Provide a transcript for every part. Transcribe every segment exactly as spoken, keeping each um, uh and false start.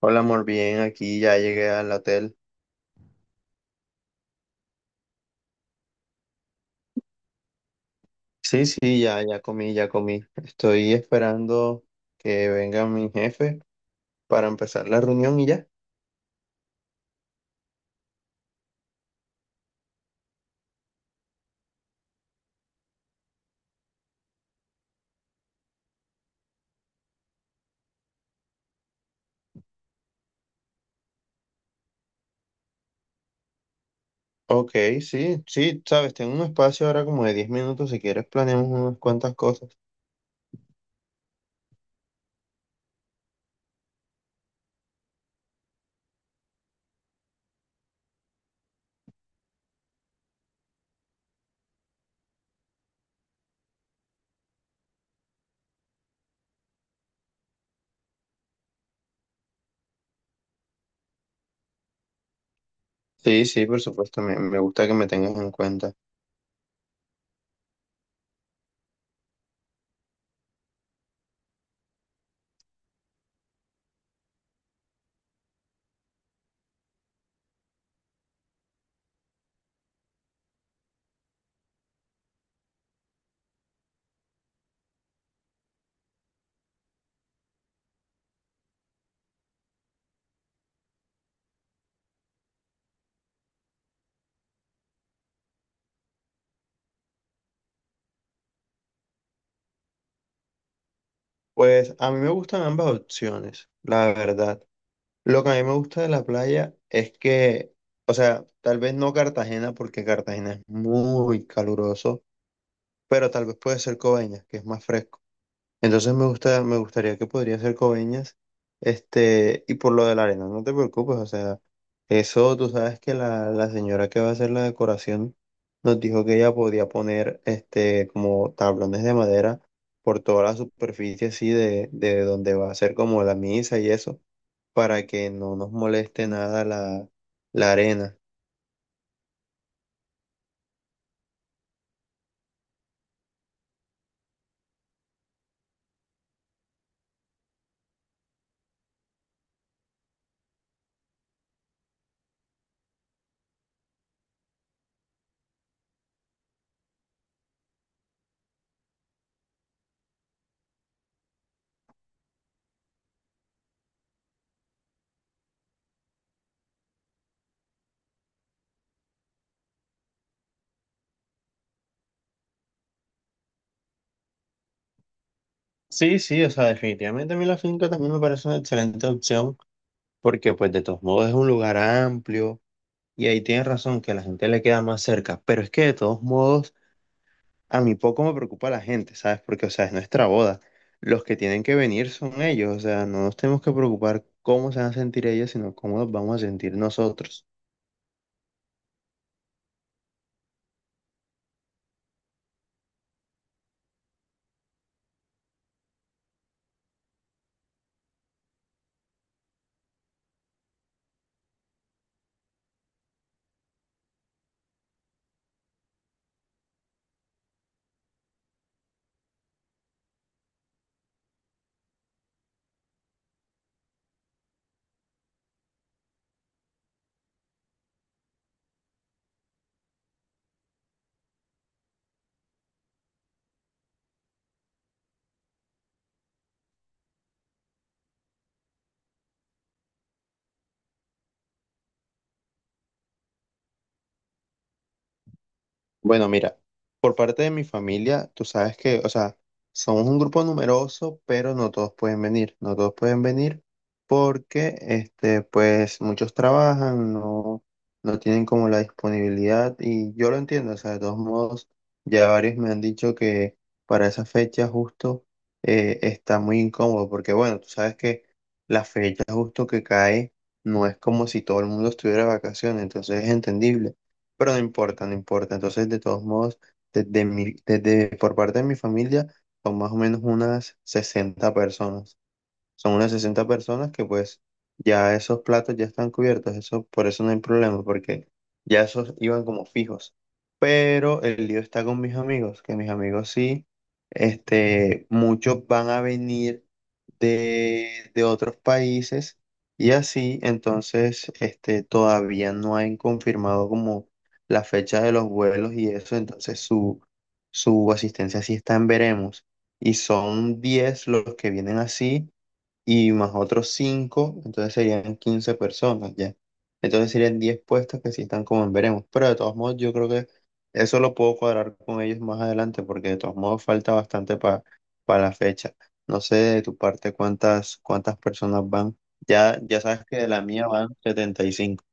Hola, amor, bien, aquí ya llegué al hotel. Sí, sí, ya, ya comí, ya comí. Estoy esperando que venga mi jefe para empezar la reunión y ya. Ok, sí, sí, sabes, tengo un espacio ahora como de diez minutos, si quieres planeamos unas cuantas cosas. Sí, sí, por supuesto, me, me gusta que me tengas en cuenta. Pues a mí me gustan ambas opciones, la verdad. Lo que a mí me gusta de la playa es que, o sea, tal vez no Cartagena, porque Cartagena es muy caluroso, pero tal vez puede ser Coveñas, que es más fresco. Entonces me gusta, me gustaría que podría ser Coveñas, este, y por lo de la arena, no te preocupes, o sea, eso tú sabes que la, la señora que va a hacer la decoración nos dijo que ella podía poner, este, como tablones de madera por toda la superficie, así de, de donde va a ser como la misa y eso, para que no nos moleste nada la, la arena. Sí, sí, o sea, definitivamente a mí la finca también me parece una excelente opción, porque pues de todos modos es un lugar amplio y ahí tienes razón que a la gente le queda más cerca, pero es que de todos modos a mí poco me preocupa la gente, ¿sabes? Porque, o sea, es nuestra boda, los que tienen que venir son ellos, o sea, no nos tenemos que preocupar cómo se van a sentir ellos, sino cómo nos vamos a sentir nosotros. Bueno, mira, por parte de mi familia, tú sabes que, o sea, somos un grupo numeroso, pero no todos pueden venir. No todos pueden venir porque, este, pues, muchos trabajan, no, no tienen como la disponibilidad y yo lo entiendo, o sea, de todos modos, ya varios me han dicho que para esa fecha justo eh, está muy incómodo porque, bueno, tú sabes que la fecha justo que cae no es como si todo el mundo estuviera de vacaciones, entonces es entendible. Pero no importa, no importa. Entonces, de todos modos, desde mi, desde por parte de mi familia, son más o menos unas sesenta personas. Son unas sesenta personas que pues ya esos platos ya están cubiertos, eso, por eso no hay problema, porque ya esos iban como fijos. Pero el lío está con mis amigos, que mis amigos sí, este, muchos van a venir de, de otros países y así. Entonces, este, todavía no han confirmado como la fecha de los vuelos y eso, entonces su, su asistencia sí está en veremos, y son diez los que vienen así y más otros cinco, entonces serían quince personas ya. Entonces serían diez puestos que sí están como en veremos. Pero de todos modos, yo creo que eso lo puedo cuadrar con ellos más adelante porque de todos modos falta bastante para la fecha. No sé de tu parte cuántas, cuántas personas van. Ya, ya sabes que de la mía van setenta y cinco.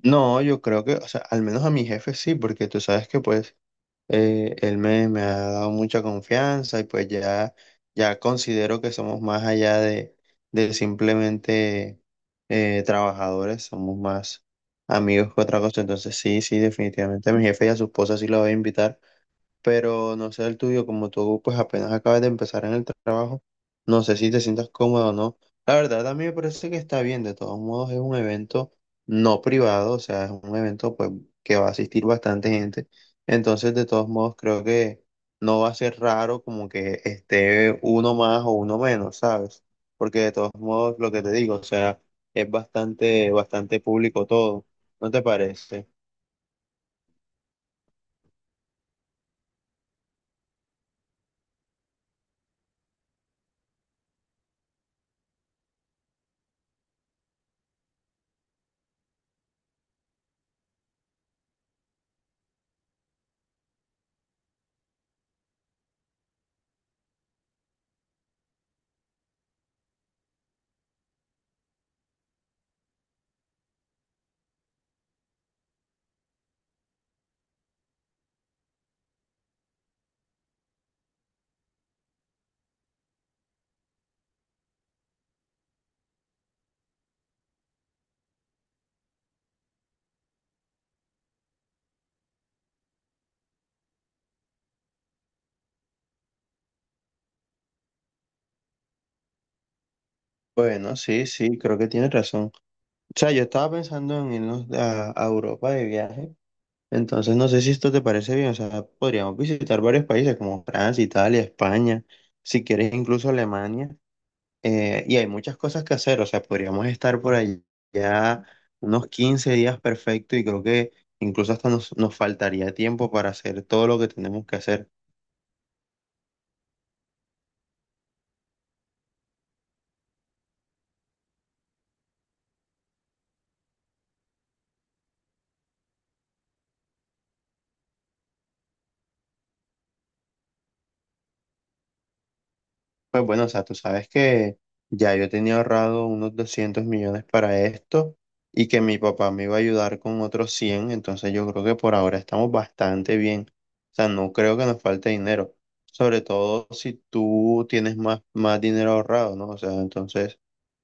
No, yo creo que, o sea, al menos a mi jefe sí, porque tú sabes que pues Eh, él me, me ha dado mucha confianza y pues ya, ya considero que somos más allá de, de simplemente eh, trabajadores, somos más amigos que otra cosa. Entonces sí, sí, definitivamente a mi jefe y a su esposa sí la voy a invitar, pero no sé el tuyo, como tú pues apenas acabas de empezar en el trabajo, no sé si te sientas cómodo o no. La verdad, a mí me parece que está bien, de todos modos es un evento no privado, o sea, es un evento pues que va a asistir bastante gente, entonces de todos modos creo que no va a ser raro como que esté uno más o uno menos, ¿sabes? Porque de todos modos lo que te digo, o sea, es bastante, bastante público todo, ¿no te parece? Bueno, sí, sí, creo que tienes razón. O sea, yo estaba pensando en irnos a, a Europa de viaje, entonces no sé si esto te parece bien, o sea, podríamos visitar varios países como Francia, Italia, España, si quieres incluso Alemania. Eh, y hay muchas cosas que hacer, o sea, podríamos estar por allá unos quince días perfecto, y creo que incluso hasta nos, nos faltaría tiempo para hacer todo lo que tenemos que hacer. Pues bueno, o sea, tú sabes que ya yo tenía ahorrado unos doscientos millones para esto y que mi papá me iba a ayudar con otros cien, entonces yo creo que por ahora estamos bastante bien. O sea, no creo que nos falte dinero, sobre todo si tú tienes más, más dinero ahorrado, ¿no? O sea, entonces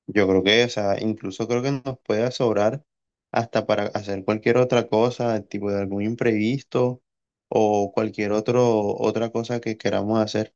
yo creo que, o sea, incluso creo que nos puede sobrar hasta para hacer cualquier otra cosa, tipo de algún imprevisto o cualquier otro, otra cosa que queramos hacer.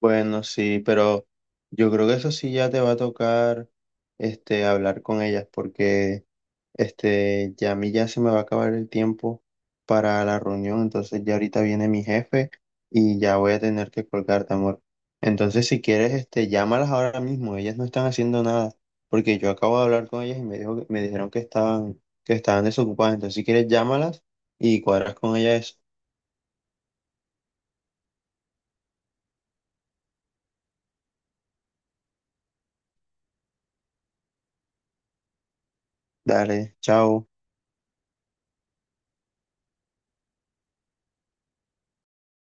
Bueno, sí, pero yo creo que eso sí ya te va a tocar este hablar con ellas, porque este ya a mí ya se me va a acabar el tiempo para la reunión, entonces ya ahorita viene mi jefe y ya voy a tener que colgarte, amor. Entonces, si quieres, este llámalas ahora mismo, ellas no están haciendo nada, porque yo acabo de hablar con ellas y me dijo que- me dijeron que estaban que estaban desocupadas, entonces si quieres llámalas y cuadras con ellas eso. Dale, chao.